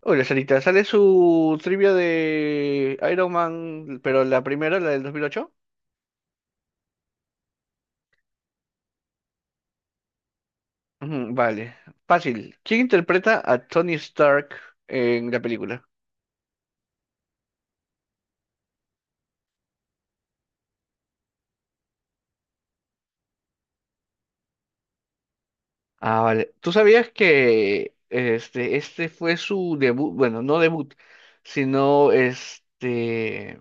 Hola, Sarita, ¿sale su trivia de Iron Man, pero la primera, la del 2008? Vale, fácil. ¿Quién interpreta a Tony Stark en la película? Ah, vale. ¿Tú sabías que este fue su debut? Bueno, no debut, sino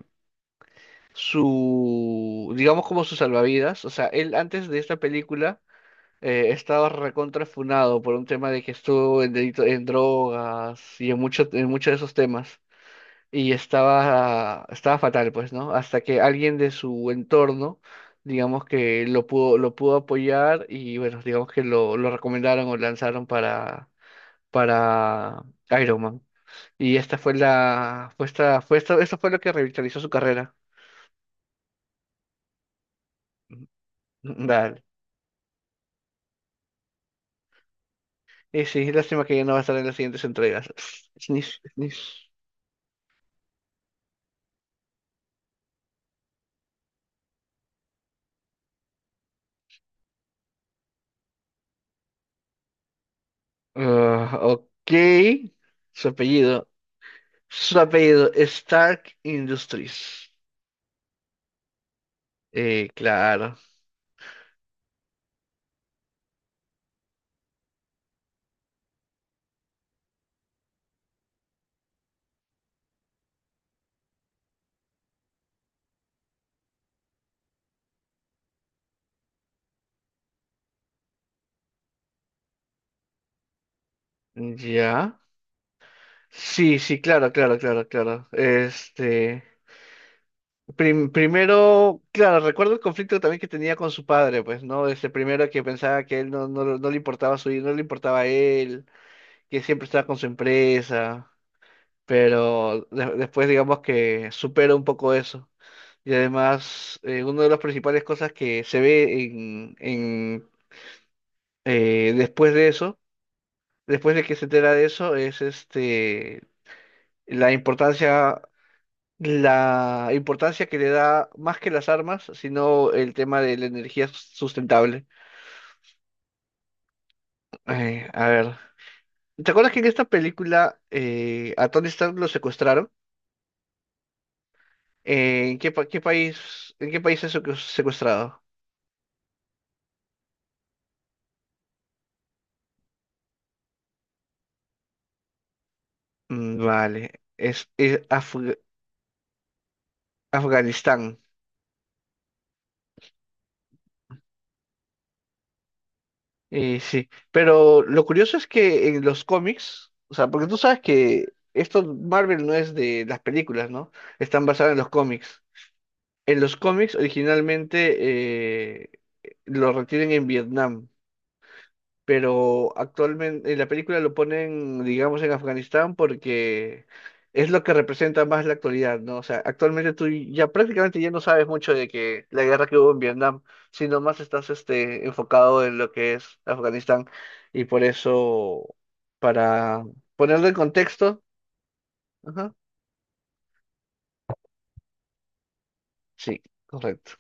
su, digamos como su salvavidas. O sea, él antes de esta película estaba recontrafunado por un tema de que estuvo en drogas y en en muchos de esos temas. Y estaba fatal, pues, ¿no? Hasta que alguien de su entorno, digamos que lo pudo apoyar y bueno, digamos que lo recomendaron o lanzaron para Iron Man. Y esta fue la, fue esta- esto fue lo que revitalizó su carrera. Dale. Y sí, lástima que ya no va a estar en las siguientes entregas. Sniff, sniff. Ah, ok. Su apellido. Su apellido, Stark Industries. Claro. Ya. Sí, sí, claro, claro, claro, claro. Primero, claro, recuerdo el conflicto también que tenía con su padre, pues, ¿no? Este, primero que pensaba que él no le importaba su hijo, no le importaba a él, que siempre estaba con su empresa, pero después digamos que supera un poco eso. Y además, una de las principales cosas que se ve en después de eso, después de que se entera de eso, es este la importancia. La importancia que le da más que las armas, sino el tema de la sustentable. A ver, ¿te acuerdas que en esta película a Tony Stark lo secuestraron? Qué país, en qué país es secuestrado? Vale, es, es Afg- Afganistán. Sí, pero lo curioso es que en los cómics, o sea, porque tú sabes que esto Marvel no es de las películas, ¿no? Están basadas en los cómics. En los cómics originalmente lo retienen en Vietnam, pero actualmente en la película lo ponen, digamos, en Afganistán porque es lo que representa más la actualidad, ¿no? O sea, actualmente tú ya prácticamente ya no sabes mucho de que la guerra que hubo en Vietnam, sino más estás este, enfocado en lo que es Afganistán y por eso, para ponerlo en contexto, ajá, sí, correcto,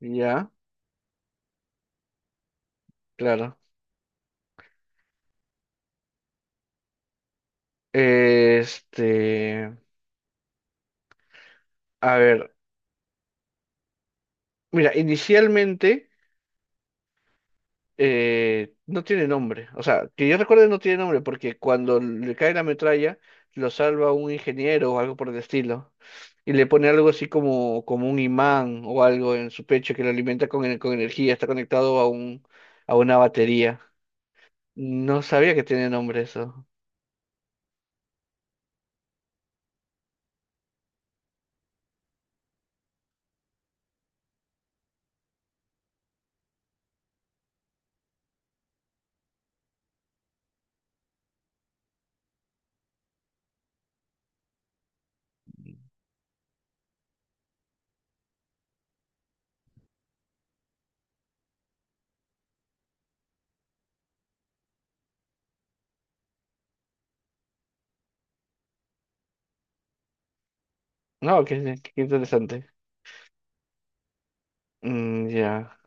ya, claro. Este. A ver, mira, inicialmente no tiene nombre. O sea, que yo recuerde no tiene nombre porque cuando le cae la metralla lo salva un ingeniero o algo por el estilo. Y le pone algo así como, como un imán o algo en su pecho que lo alimenta con energía. Está conectado a a una batería. No sabía que tiene nombre eso. No, qué interesante. Mm, ya.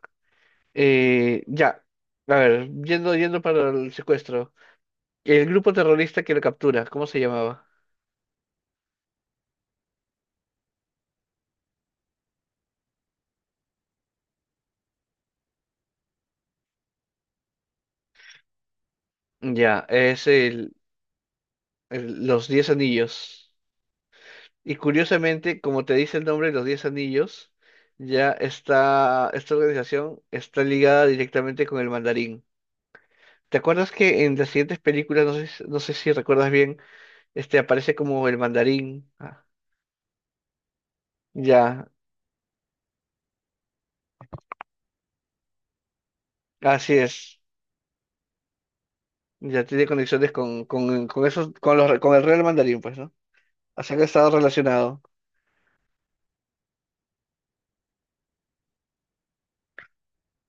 Ya. A ver, yendo para el secuestro. El grupo terrorista que lo captura, ¿cómo se llamaba? Ya, es los Diez Anillos. Y curiosamente, como te dice el nombre, los Diez Anillos, ya está, esta organización está ligada directamente con el mandarín. ¿Te acuerdas que en las siguientes películas, no sé, no sé si recuerdas bien, este aparece como el mandarín? Ah, ya, así es. Ya tiene conexiones con esos, con los, con el real mandarín, pues, ¿no? Así que está relacionado.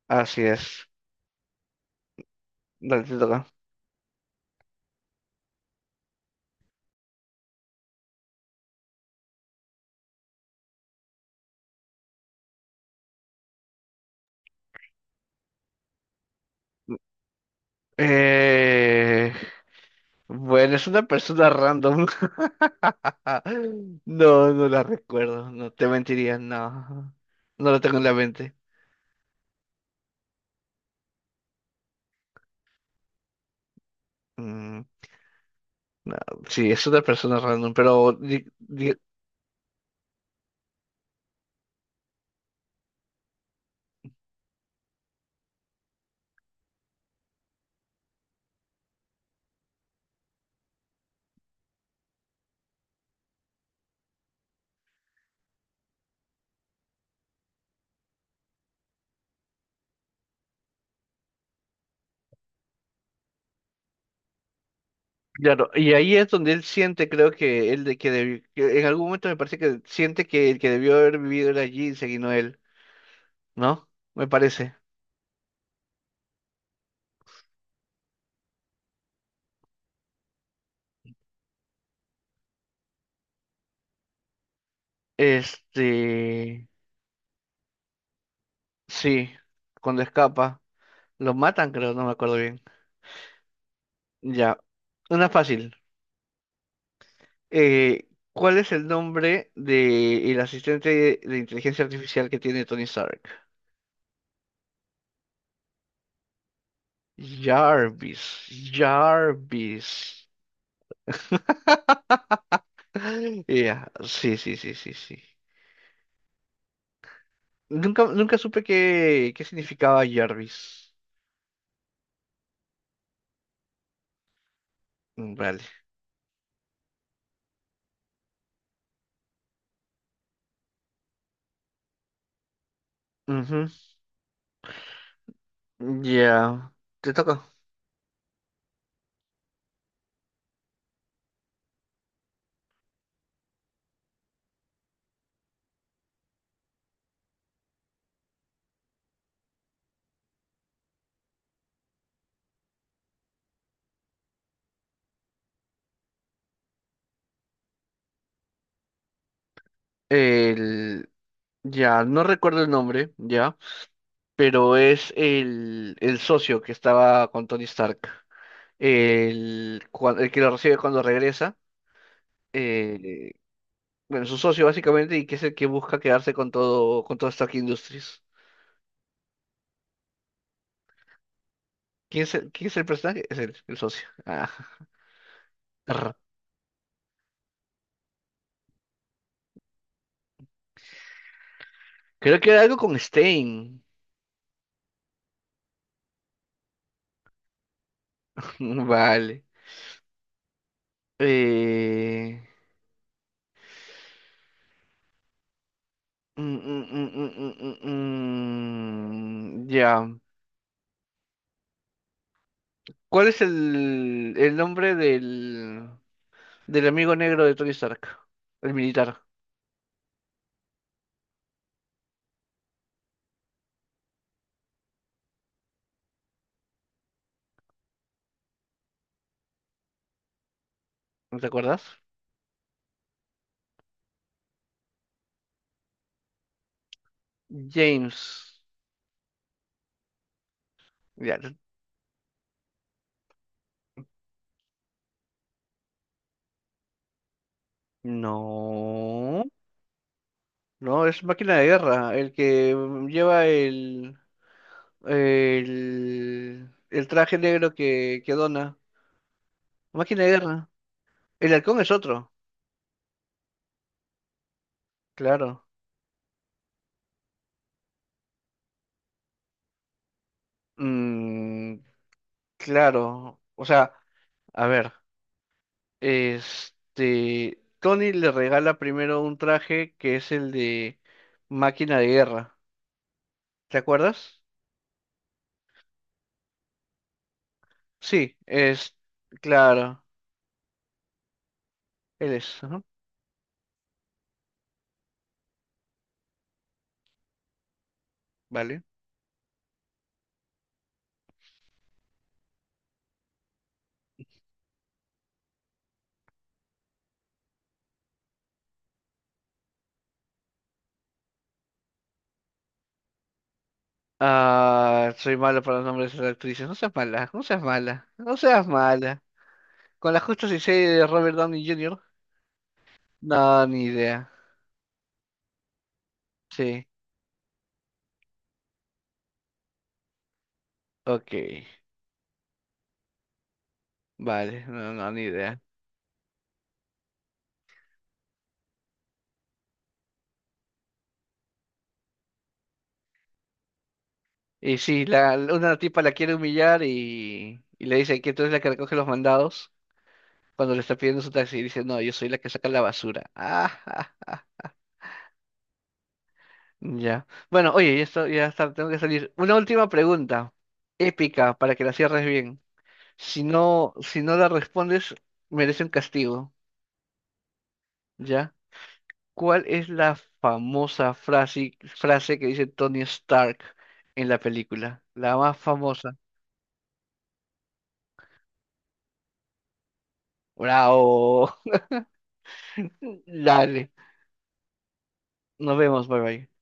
Así es. Dale, te toca. Eh, bueno, es una persona random. Ah, no, no la recuerdo. No te mentiría, no. No lo tengo en la mente. Mm, no, sí, es una persona random, pero claro, y ahí es donde él siente, creo que él de que, que en algún momento me parece que siente que el que debió haber vivido era Ginseng y no él, ¿no? Me parece. Este, sí, cuando escapa, lo matan, creo, no me acuerdo bien. Ya, una fácil. Eh, ¿Cuál es el nombre de el asistente de inteligencia artificial que tiene Tony Stark? Jarvis, Jarvis. Ya, sí, sí, sí, sí, sí. Nunca supe qué significaba Jarvis. Mm, vale. Ujú. Ya, te toca. El, ya, no recuerdo el nombre, ya, pero es el socio que estaba con Tony Stark. El que lo recibe cuando regresa. eh, bueno, su socio básicamente, y que es el que busca quedarse con todo Stark Industries. ¿Quién es quién es el personaje? Es el socio. Ah, arr. Creo que era algo con Stein. Vale. Eh, ya. ¿Cuál es el nombre del amigo negro de Tony Stark? El militar. ¿No te acuerdas? James. Ya. No. No, es máquina de guerra, el que lleva el traje negro que dona. Máquina de guerra. El halcón es otro, claro. Mm, claro, o sea, a ver, este, Tony le regala primero un traje que es el de máquina de guerra, ¿te acuerdas? Sí, es, claro, él es, ajá, vale. Ah, soy malo para los nombres de las actrices. No seas mala, no seas mala, no seas mala. Con la justa y seria de Robert Downey Jr. No, ni idea. Sí, ok. Vale, no, no, ni idea. Y sí, una tipa la quiere humillar y le dice que tú eres la que recoge los mandados cuando le está pidiendo su taxi. Y dice, no, yo soy la que saca la basura. Ah, ja, ja. Ya. Bueno, oye, ya está, tengo que salir. Una última pregunta, épica, para que la cierres bien. Si no, si no la respondes, merece un castigo, ¿ya? ¿Cuál es la famosa frase que dice Tony Stark en la película? La más famosa. ¡Bravo! Dale. Nos vemos, bye bye.